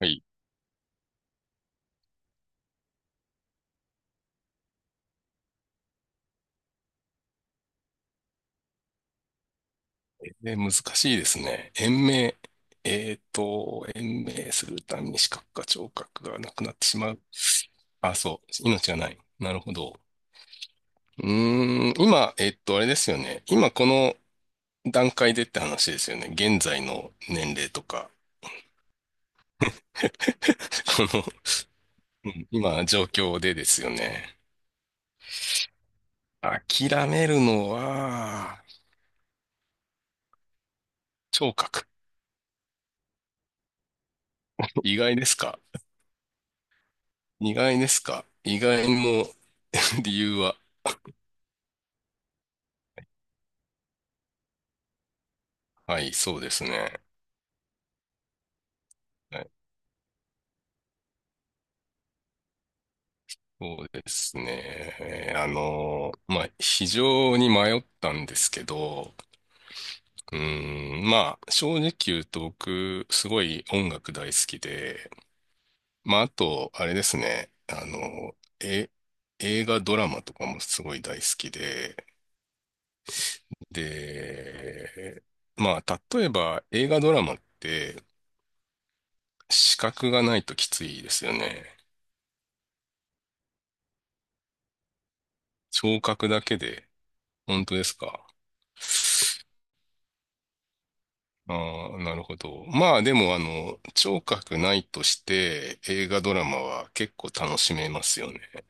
はい。難しいですね。延命。延命するために視覚か聴覚がなくなってしまう。あ、そう。命がない。なるほど。うー今、あれですよね。今この段階でって話ですよね。現在の年齢とか、この、うん今、状況でですよね。諦めるのは、聴覚。意外ですか？意外ですか？意外の 理由は。はい、そうですね。はい、そうですね。非常に迷ったんですけど、正直言うと僕、すごい音楽大好きで、まあ、あと、あれですね、映画、ドラマとかもすごい大好きで、で、まあ、例えば映画、ドラマって視覚がないときついですよね。聴覚だけで、本当ですか？ああ、なるほど。まあでも、あの、聴覚ないとして映画ドラマは結構楽しめますよね。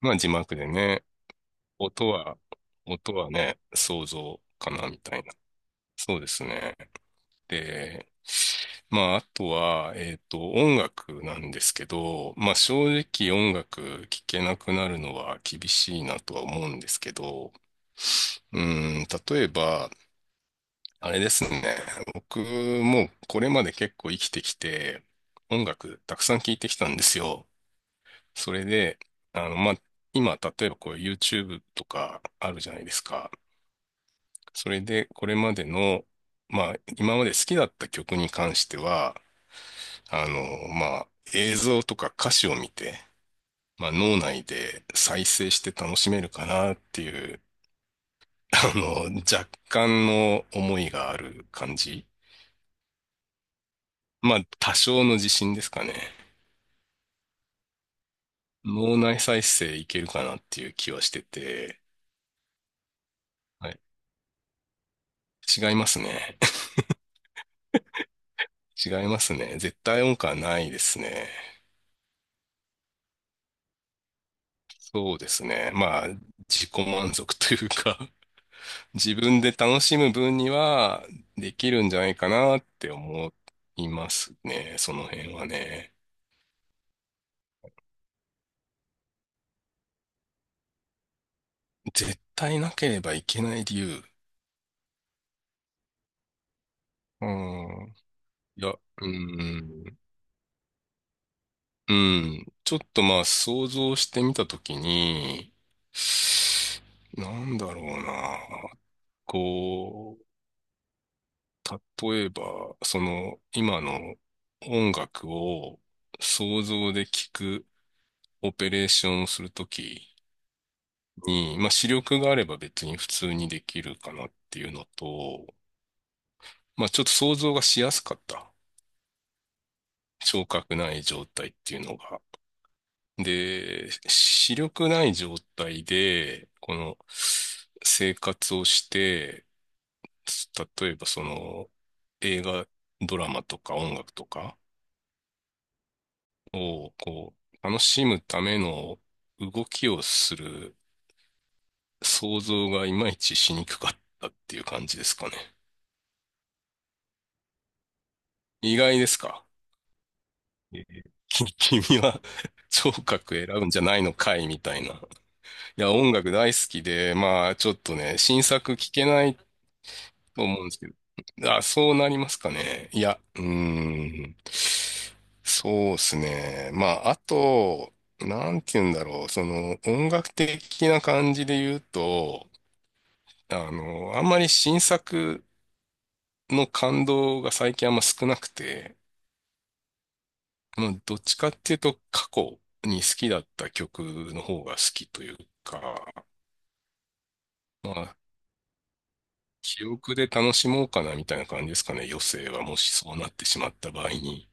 まあ字幕でね、音は、音はね、想像かなみたいな。そうですね。で、まああとは、音楽なんですけど、まあ正直音楽聴けなくなるのは厳しいなとは思うんですけど、うん、例えば、あれですね。僕もこれまで結構生きてきて、音楽たくさん聴いてきたんですよ。それで、あの、まあ、今、例えばこう YouTube とかあるじゃないですか。それで、これまでの、まあ、今まで好きだった曲に関しては、あの、まあ、映像とか歌詞を見て、まあ、脳内で再生して楽しめるかなっていう、あの、若干の思いがある感じ。まあ、多少の自信ですかね。脳内再生いけるかなっていう気はしてて、はい。違いますね。違いますね。絶対音感ないですね。そうですね。まあ、自己満足というか、自分で楽しむ分にはできるんじゃないかなって思いますね。その辺はね。絶対なければいけない理由。うん。いや、うん。うん。ちょっとまあ想像してみたときに、なんだろうな。こう、例えば、その、今の音楽を想像で聞くオペレーションをするときに、まあ視力があれば別に普通にできるかなっていうのと、まあちょっと想像がしやすかった。聴覚ない状態っていうのが。で、視力ない状態で、この生活をして、例えばその映画、ドラマとか音楽とかをこう楽しむための動きをする想像がいまいちしにくかったっていう感じですかね。意外ですか？えき君は 聴覚選ぶんじゃないのかいみたいな。いや、音楽大好きで、まあちょっとね、新作聴けないと思うんですけど。あ、そうなりますかね。いや、ん。そうですね。まあ、あと、なんて言うんだろう。その、音楽的な感じで言うと、あの、あんまり新作の感動が最近あんま少なくて、もうどっちかっていうと過去に好きだった曲の方が好きというか、まあ、記憶で楽しもうかなみたいな感じですかね。余生はもしそうなってしまった場合に。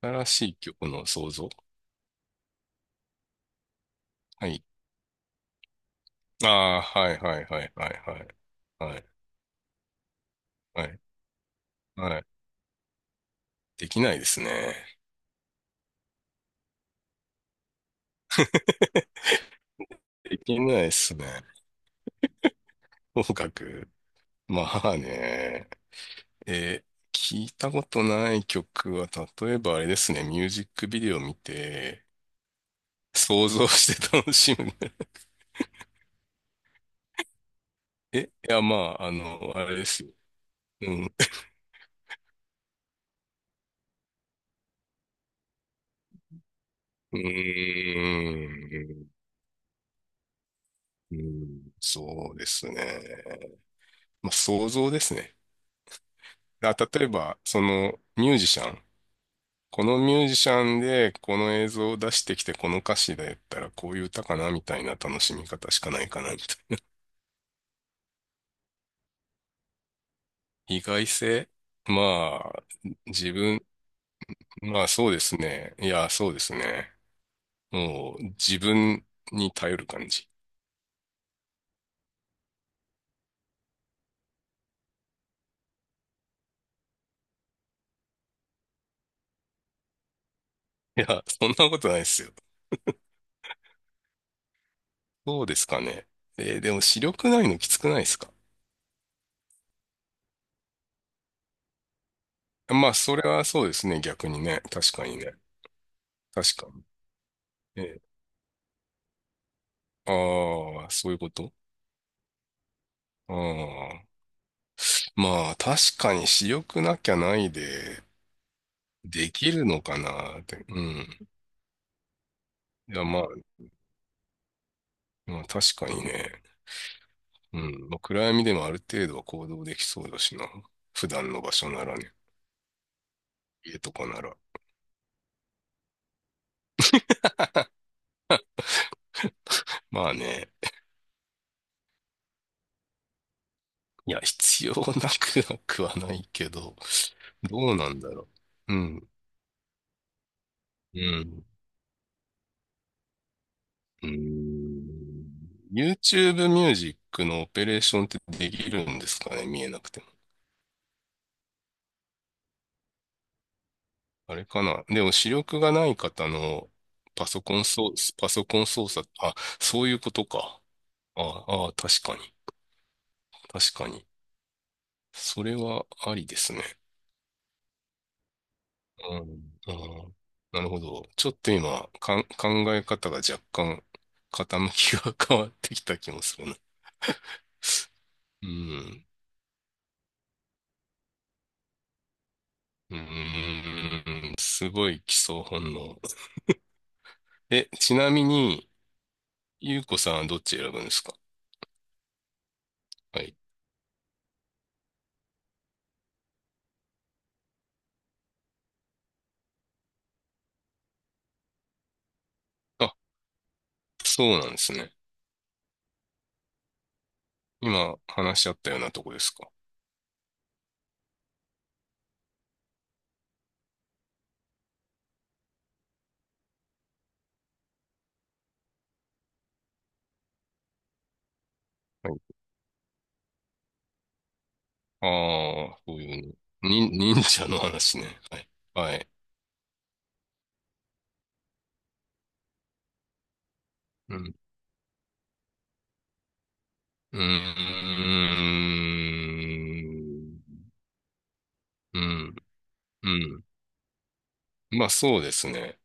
新しい曲の創造。はい。ああ、はいはいはいはいはい。はいはいはい。できないですね。できないですね。音楽。まあね。えー、聞いたことない曲は、例えばあれですね、ミュージックビデオ見て、想像して楽しむ。え、いや、まあ、あの、あれですよ。うん。うーん。うんそうですね。まあ、想像ですね。あ、例えば、そのミュージシャン、このミュージシャンでこの映像を出してきてこの歌詞でやったらこういう歌かなみたいな楽しみ方しかないかなみたいな。意外性。まあ、自分、まあそうですね。いや、そうですね。もう自分に頼る感じ。いや、そんなことないですよ。そうですかね。えーでも視力ないのきつくないですか？まあ、それはそうですね。逆にね。確かにね。確かに。えーああ、そういうこと。ああ。まあ、確かに私欲なきゃないで、できるのかなって。うん。いや、まあ、まあ、確かにね。うん。まあ、暗闇でもある程度は行動できそうだしな。普段の場所ならね。家とかなら。まあね。いや、必要なくなくはないけど、どうなんだろう。うん。うん。うん。YouTube ミュージックのオペレーションってできるんですかね見えなくて。あれかな。でも視力がない方のパソコン操、パソコン操作、あ、そういうことか。ああ、確かに。確かに。それはありですね。うん。うん、なるほど。ちょっと今、考え方が若干傾きが 変わってきた気もするな。うん。うん。すごい基礎本能。え、ちなみに、ゆうこさんはどっち選ぶんですか？はい。あ、そうなんですね。今話し合ったようなとこですか？はい。ああ、そういうの。に、忍者の話ね。はい。はい。うん。うーん。うん。うん。まあ、そうですね。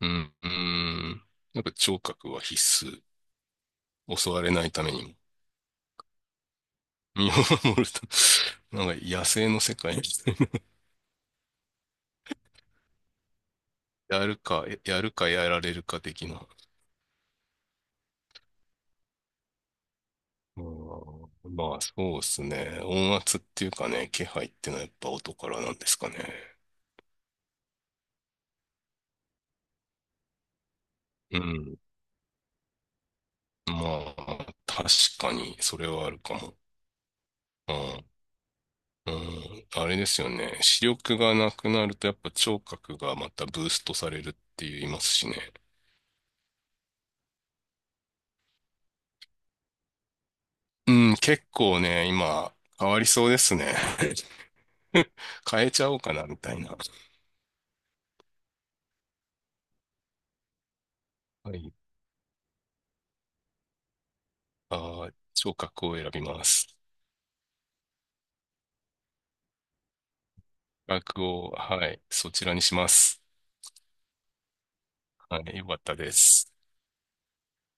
うん。うん。なんか聴覚は必須。襲われないためにも。身を守るため なんか野生の世界みたいな。やるか、やるかやられるか的な。あーまあ、そうですね。音圧っていうかね、気配ってのはやっぱ音からなんですかね。うん。まあ、確かに、それはあるかも。うん。うん。あれですよね。視力がなくなると、やっぱ聴覚がまたブーストされるって言いますしね。うん、結構ね、今、変わりそうですね。変えちゃおうかな、みたいな。はい。あー、聴覚を選びます。聴覚を、はい、そちらにします。はい、よかったです。